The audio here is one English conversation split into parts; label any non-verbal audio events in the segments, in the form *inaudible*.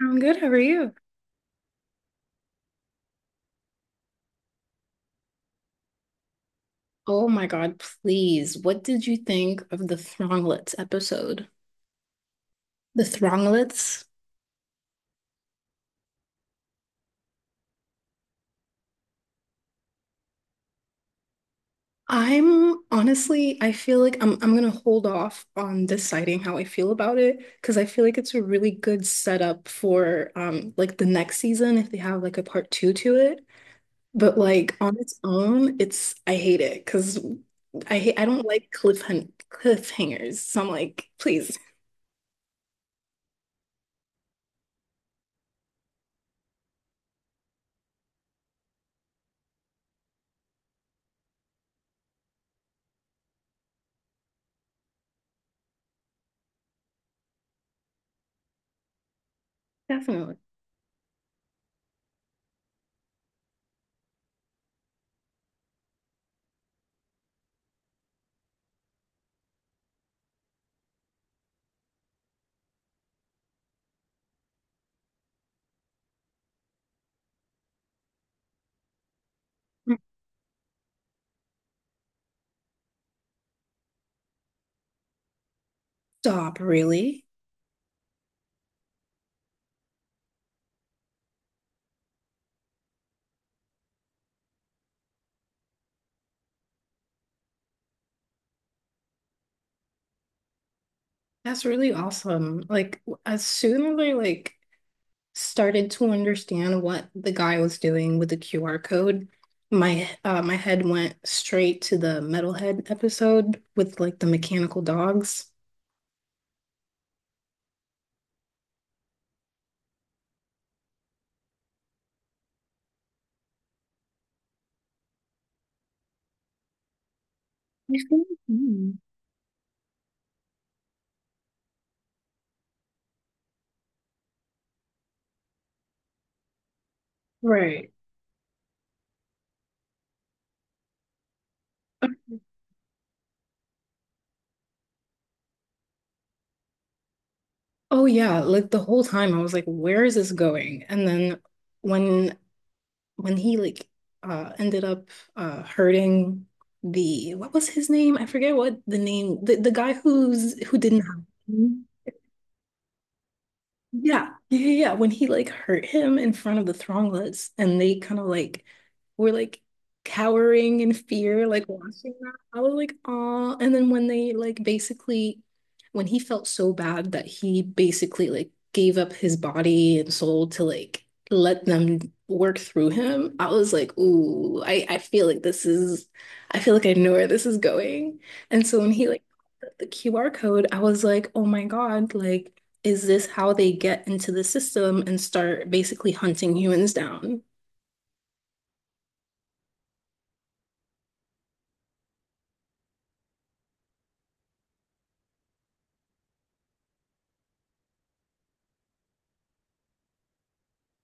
I'm good. How are you? Oh my God, please. What did you think of the Thronglets episode? The Thronglets? I'm honestly, I feel like I'm gonna hold off on deciding how I feel about it because I feel like it's a really good setup for like the next season if they have like a part two to it. But like on its own, it's I hate it because I hate I don't like cliffhangers. So I'm like, please, definitely. Stop, really. That's really awesome. Like as soon as I like started to understand what the guy was doing with the QR code, my my head went straight to the Metalhead episode with like the mechanical dogs. Mhm. Right. Oh yeah, like the whole time I was like, where is this going? And then when when he like ended up hurting the what was his name? I forget what the name the guy who's who didn't have. Yeah, yeah, yeah, yeah. When he like hurt him in front of the Thronglets, and they kind of like were like cowering in fear, like watching that. I was like, oh. And then when they like basically, when he felt so bad that he basically like gave up his body and soul to like let them work through him, I was like, ooh, I feel like this is, I feel like I know where this is going. And so when he like QR code, I was like, oh my God, like, is this how they get into the system and start basically hunting humans down?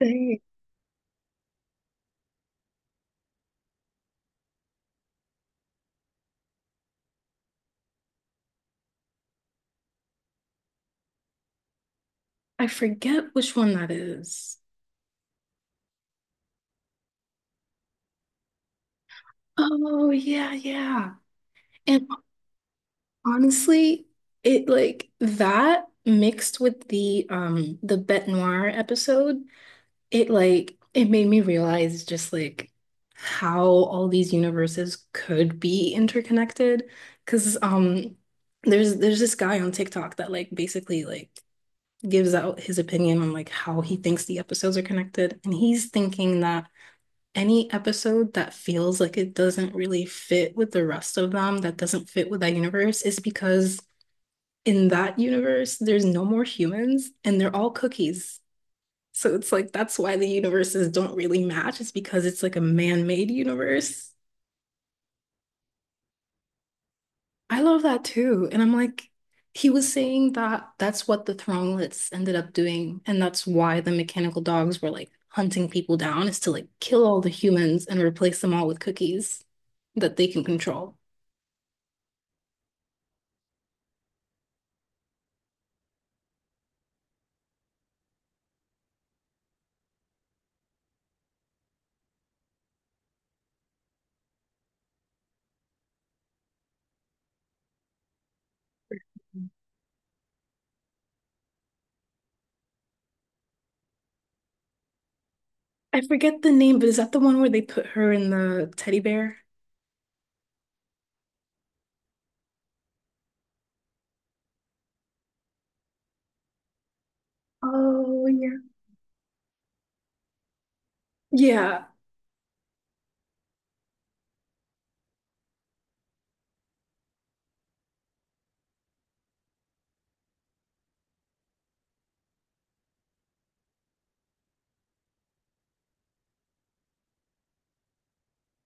Dang. I forget which one that is. Oh, yeah, yeah. And honestly, it like that mixed with the Bête Noire episode, it like it made me realize just like how all these universes could be interconnected. Cause there's this guy on TikTok that like basically like gives out his opinion on like how he thinks the episodes are connected. And he's thinking that any episode that feels like it doesn't really fit with the rest of them, that doesn't fit with that universe, is because in that universe, there's no more humans and they're all cookies. So it's like that's why the universes don't really match. It's because it's like a man-made universe. I love that too. And I'm like, he was saying that that's what the Thronglets ended up doing. And that's why the mechanical dogs were like hunting people down, is to like kill all the humans and replace them all with cookies that they can control. I forget the name, but is that the one where they put her in the teddy bear? Oh, yeah. Yeah.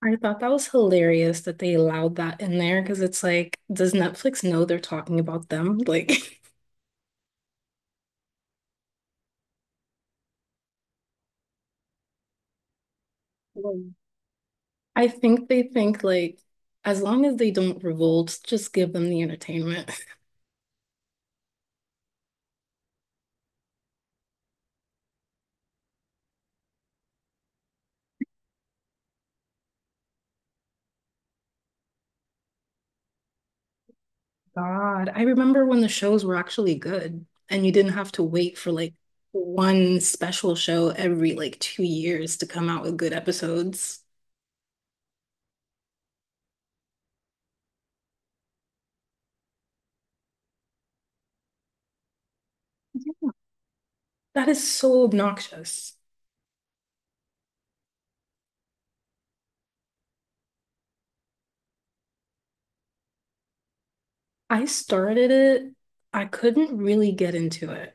I thought that was hilarious that they allowed that in there because it's like, does Netflix know they're talking about them? Like, *laughs* Mm. I think they think like, as long as they don't revolt, just give them the entertainment. *laughs* God, I remember when the shows were actually good and you didn't have to wait for like one special show every like 2 years to come out with good episodes. That is so obnoxious. I started it, I couldn't really get into it.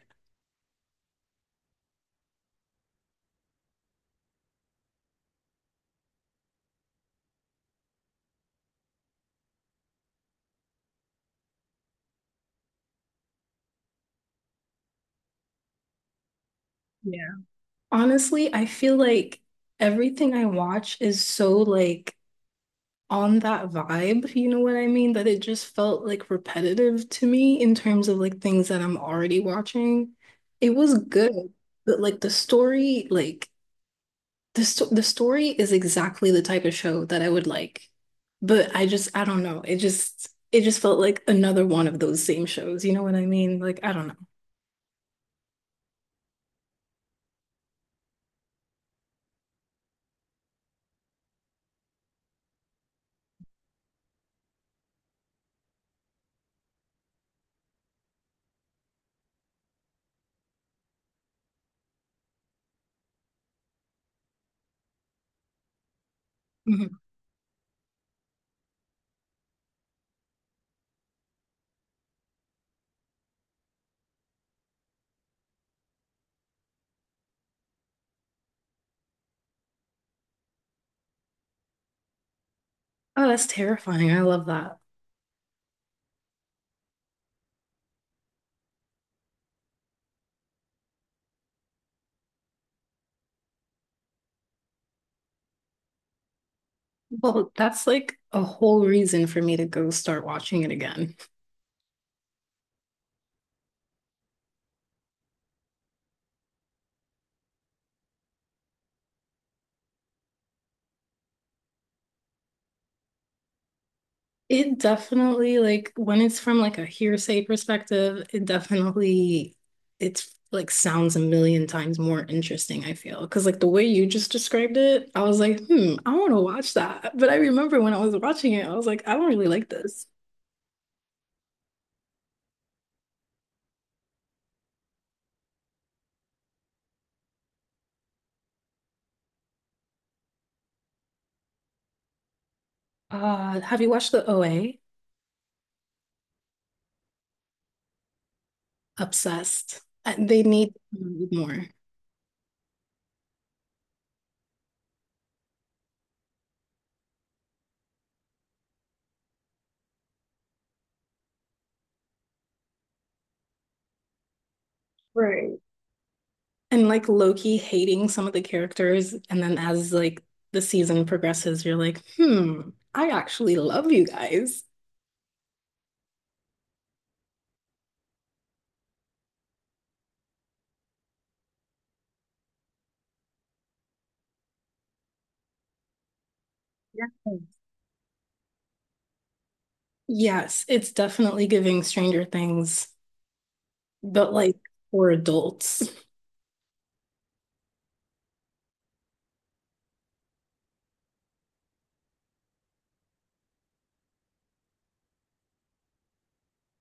Honestly, I feel like everything I watch is so like on that vibe, you know what I mean? That it just felt like repetitive to me in terms of like things that I'm already watching. It was good, but like the story, like the story is exactly the type of show that I would like. But I just I don't know. It just felt like another one of those same shows, you know what I mean? Like I don't know. Mhm. Oh, that's terrifying. I love that. Well, that's like a whole reason for me to go start watching it again. It definitely like when it's from like a hearsay perspective, it definitely it's like sounds a million times more interesting, I feel. Because like the way you just described it, I was like, hmm, I want to watch that. But I remember when I was watching it, I was like, I don't really like this. Have you watched the OA? Obsessed. They need more. Right. And like Loki hating some of the characters, and then as like the season progresses, you're like, hmm, I actually love you guys. Yeah. Yes, it's definitely giving Stranger Things, but like for adults.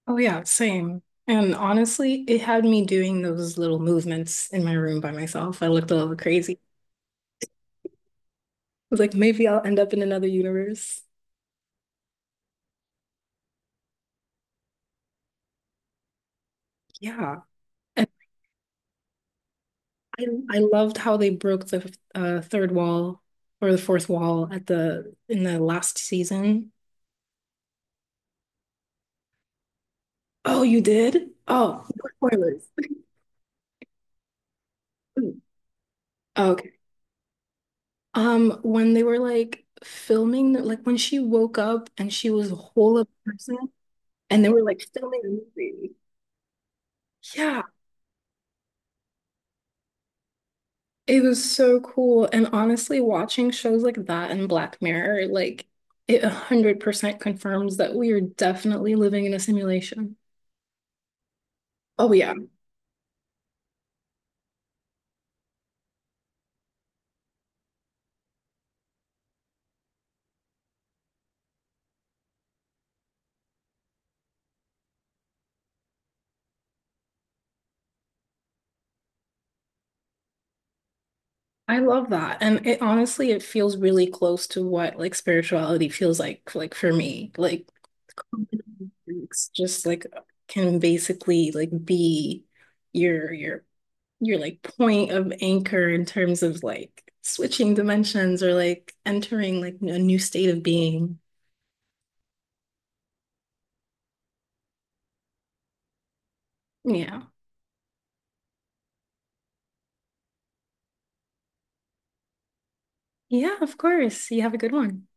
Oh yeah, same. And honestly, it had me doing those little movements in my room by myself. I looked a little crazy. I was like, maybe I'll end up in another universe. Yeah. And I loved how they broke the third wall or the fourth wall at the in the last season. Oh, you did? Oh, no spoilers. Okay. When they were like filming, like when she woke up and she was a whole other person, and they were like filming a movie. Yeah, it was so cool. And honestly, watching shows like that and Black Mirror, like it 100% confirms that we are definitely living in a simulation. Oh yeah. I love that. And it honestly, it feels really close to what like spirituality feels like for me. Like it's just like can basically like be your your like point of anchor in terms of like switching dimensions or like entering like a new state of being. Yeah. Yeah, of course. You have a good one.